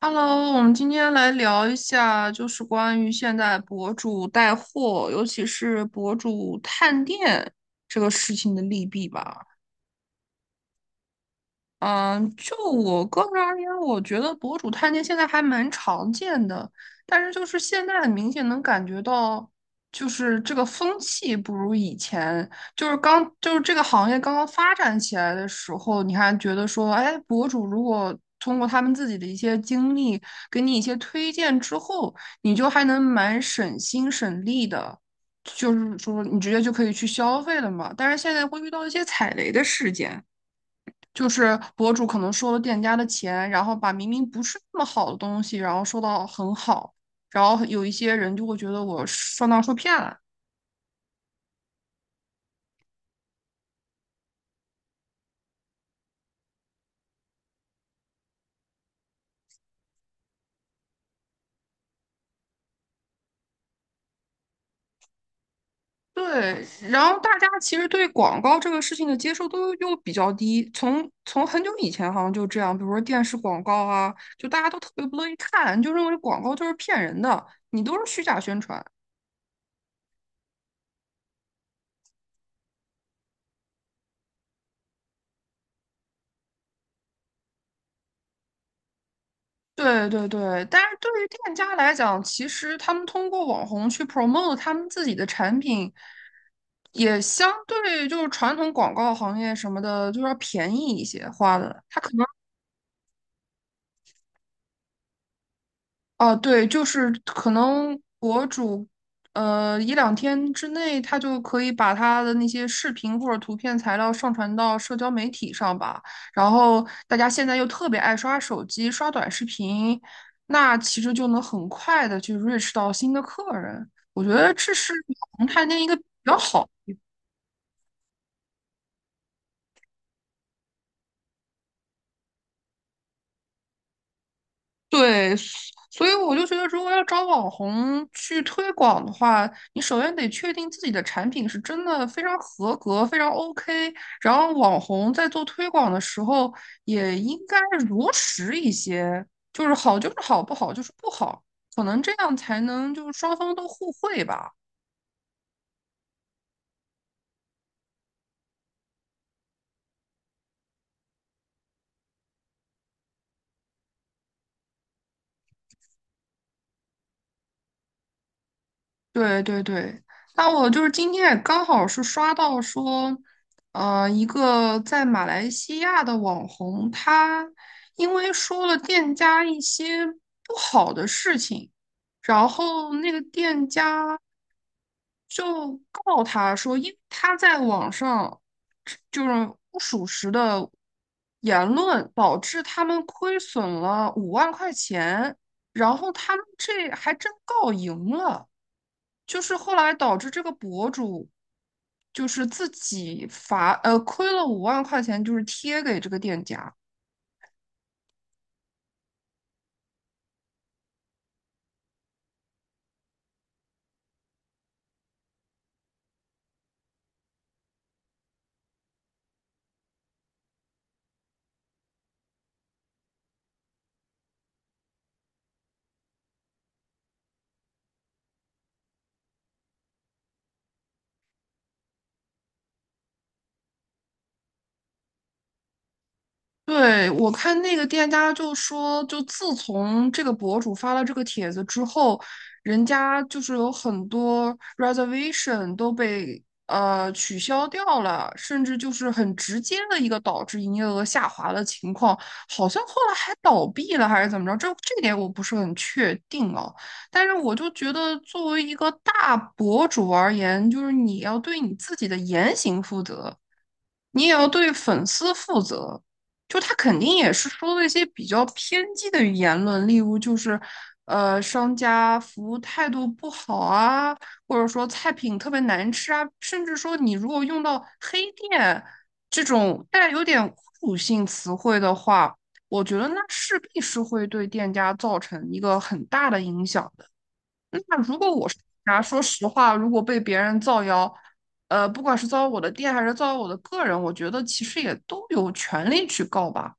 Hello，我们今天来聊一下，就是关于现在博主带货，尤其是博主探店这个事情的利弊吧。嗯，就我个人而言，我觉得博主探店现在还蛮常见的，但是就是现在很明显能感觉到，就是这个风气不如以前，就是刚就是这个行业刚刚发展起来的时候，你还觉得说，哎，博主如果通过他们自己的一些经历给你一些推荐之后，你就还能蛮省心省力的。就是说，你直接就可以去消费了嘛，但是现在会遇到一些踩雷的事件。就是博主可能收了店家的钱，然后把明明不是那么好的东西，然后说到很好，然后有一些人就会觉得我上当受骗了。对，然后大家其实对广告这个事情的接受度又比较低，从很久以前好像就这样，比如说电视广告啊，就大家都特别不乐意看，就认为广告就是骗人的，你都是虚假宣传。对对对，但是对于店家来讲，其实他们通过网红去 promote 他们自己的产品，也相对就是传统广告行业什么的，就是要便宜一些花的。他可能哦，对，就是可能博主，一两天之内，他就可以把他的那些视频或者图片材料上传到社交媒体上吧。然后大家现在又特别爱刷手机、刷短视频，那其实就能很快的去 reach 到新的客人。我觉得这是横探店一个比较好。对，所以我就觉得，如果要找网红去推广的话，你首先得确定自己的产品是真的非常合格、非常 OK，然后网红在做推广的时候也应该如实一些，就是好就是好，不好就是不好，可能这样才能就是双方都互惠吧。对对对，那我就是今天也刚好是刷到说，一个在马来西亚的网红，他因为说了店家一些不好的事情，然后那个店家就告他说，因为他在网上就是不属实的言论，导致他们亏损了五万块钱，然后他们这还真告赢了。就是后来导致这个博主就是自己亏了五万块钱，就是贴给这个店家。对，我看那个店家就说，就自从这个博主发了这个帖子之后，人家就是有很多 reservation 都被取消掉了，甚至就是很直接的一个导致营业额下滑的情况，好像后来还倒闭了还是怎么着，这点我不是很确定啊。但是我就觉得，作为一个大博主而言，就是你要对你自己的言行负责。你也要对粉丝负责。就他肯定也是说了一些比较偏激的言论，例如就是，商家服务态度不好啊，或者说菜品特别难吃啊，甚至说你如果用到黑店这种带有点侮辱性词汇的话，我觉得那势必是会对店家造成一个很大的影响。那如果我是啊，说实话，如果被别人造谣，不管是造谣我的店还是造谣我的个人，我觉得其实也都有权利去告吧。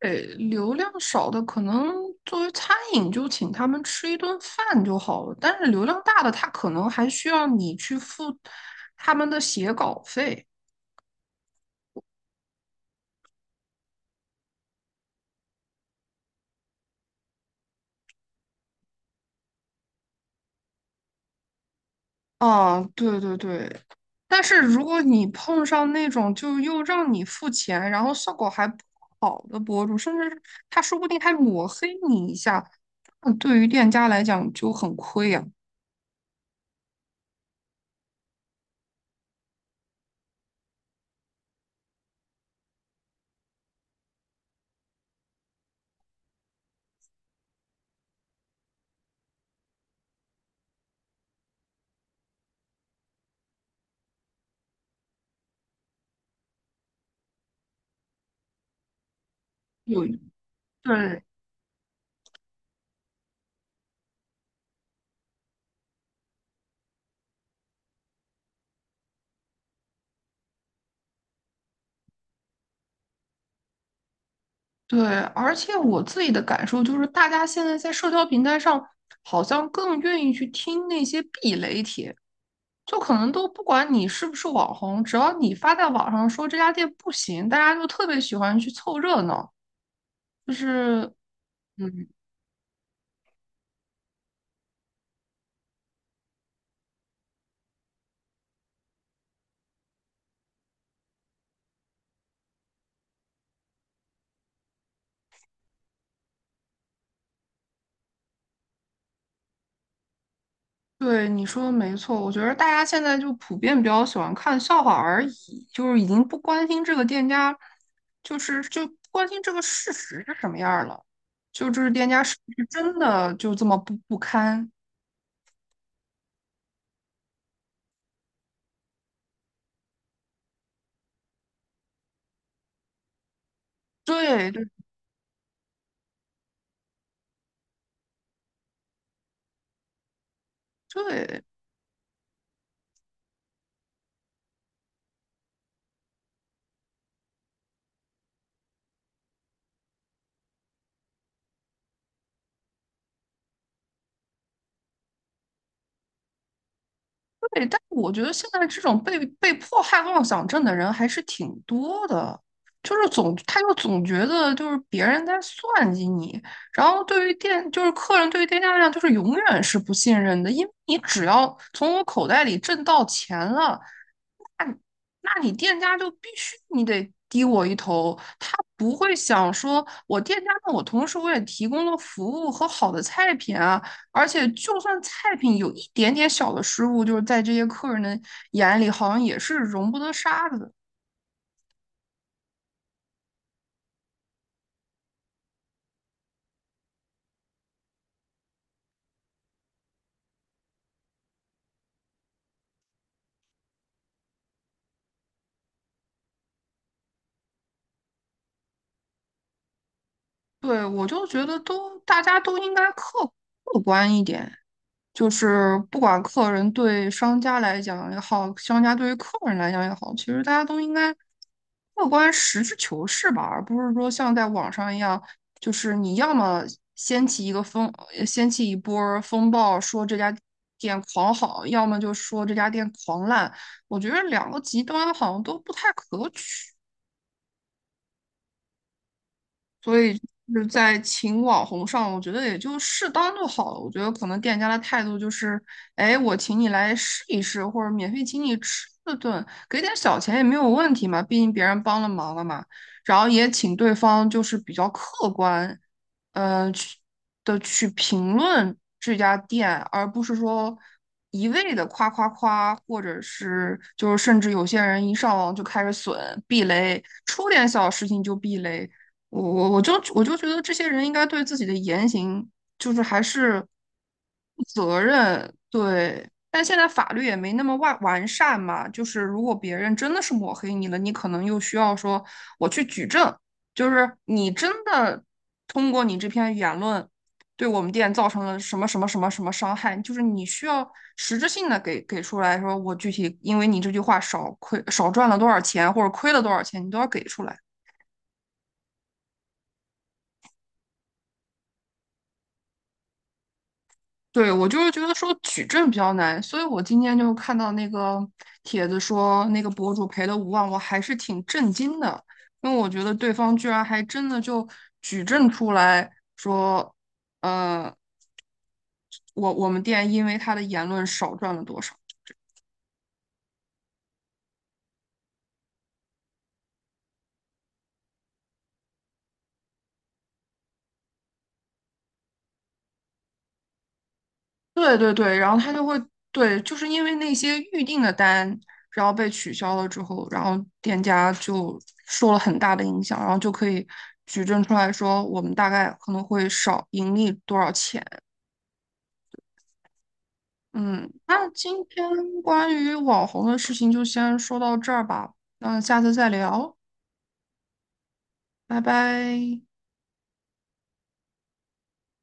对，流量少的可能作为餐饮就请他们吃一顿饭就好了，但是流量大的他可能还需要你去付他们的写稿费。啊，对对对，但是如果你碰上那种就又让你付钱，然后效果还不好的博主，甚至他说不定还抹黑你一下，那对于店家来讲就很亏呀、有，对对，而且我自己的感受就是，大家现在在社交平台上好像更愿意去听那些避雷帖，就可能都不管你是不是网红，只要你发在网上说这家店不行，大家就特别喜欢去凑热闹，就是。嗯。对，你说的没错，我觉得大家现在就普遍比较喜欢看笑话而已，就是已经不关心这个店家，就是就不关心这个事实是什么样儿了，就这是店家是不是真的就这么不堪？对对对。对，但我觉得现在这种被迫害妄想症的人还是挺多的，就是总他就总觉得就是别人在算计你，然后对于店就是客人对于店家来讲就是永远是不信任的，因为你只要从我口袋里挣到钱了，那你店家就必须你得低我一头，他不会想说我店家，那我同时我也提供了服务和好的菜品啊，而且就算菜品有一点点小的失误，就是在这些客人的眼里好像也是容不得沙子的。对，我就觉得都大家都应该客观一点，就是不管客人对商家来讲也好，商家对于客人来讲也好，其实大家都应该客观、实事求是吧，而不是说像在网上一样，就是你要么掀起一个风，呃掀起一波儿风暴，说这家店狂好，要么就说这家店狂烂，我觉得两个极端好像都不太可取。所以就是在请网红上，我觉得也就适当就好了。我觉得可能店家的态度就是，哎，我请你来试一试，或者免费请你吃一顿，给点小钱也没有问题嘛，毕竟别人帮了忙了嘛。然后也请对方就是比较客观，嗯、去去评论这家店，而不是说。一味的夸夸夸，或者是就是甚至有些人一上网就开始损避雷，出点小事情就避雷，我觉得这些人应该对自己的言行就是还是负责任，对。但现在法律也没那么完善嘛，就是如果别人真的是抹黑你了，你可能又需要说我去举证，就是你真的通过你这篇言论对我们店造成了什么什么什么什么伤害，就是你需要实质性的给出来说，我具体因为你这句话少亏少赚了多少钱，或者亏了多少钱，你都要给出来。对，我就是觉得说举证比较难，所以我今天就看到那个帖子说那个博主赔了五万，我还是挺震惊的，因为我觉得对方居然还真的就举证出来说，呃，我我们店因为他的言论少赚了多少。对对对，然后他就会对，就是因为那些预定的单，然后被取消了之后，然后店家就受了很大的影响，然后就可以举证出来说，我们大概可能会少盈利多少钱。嗯，那今天关于网红的事情就先说到这儿吧，那下次再聊，拜拜。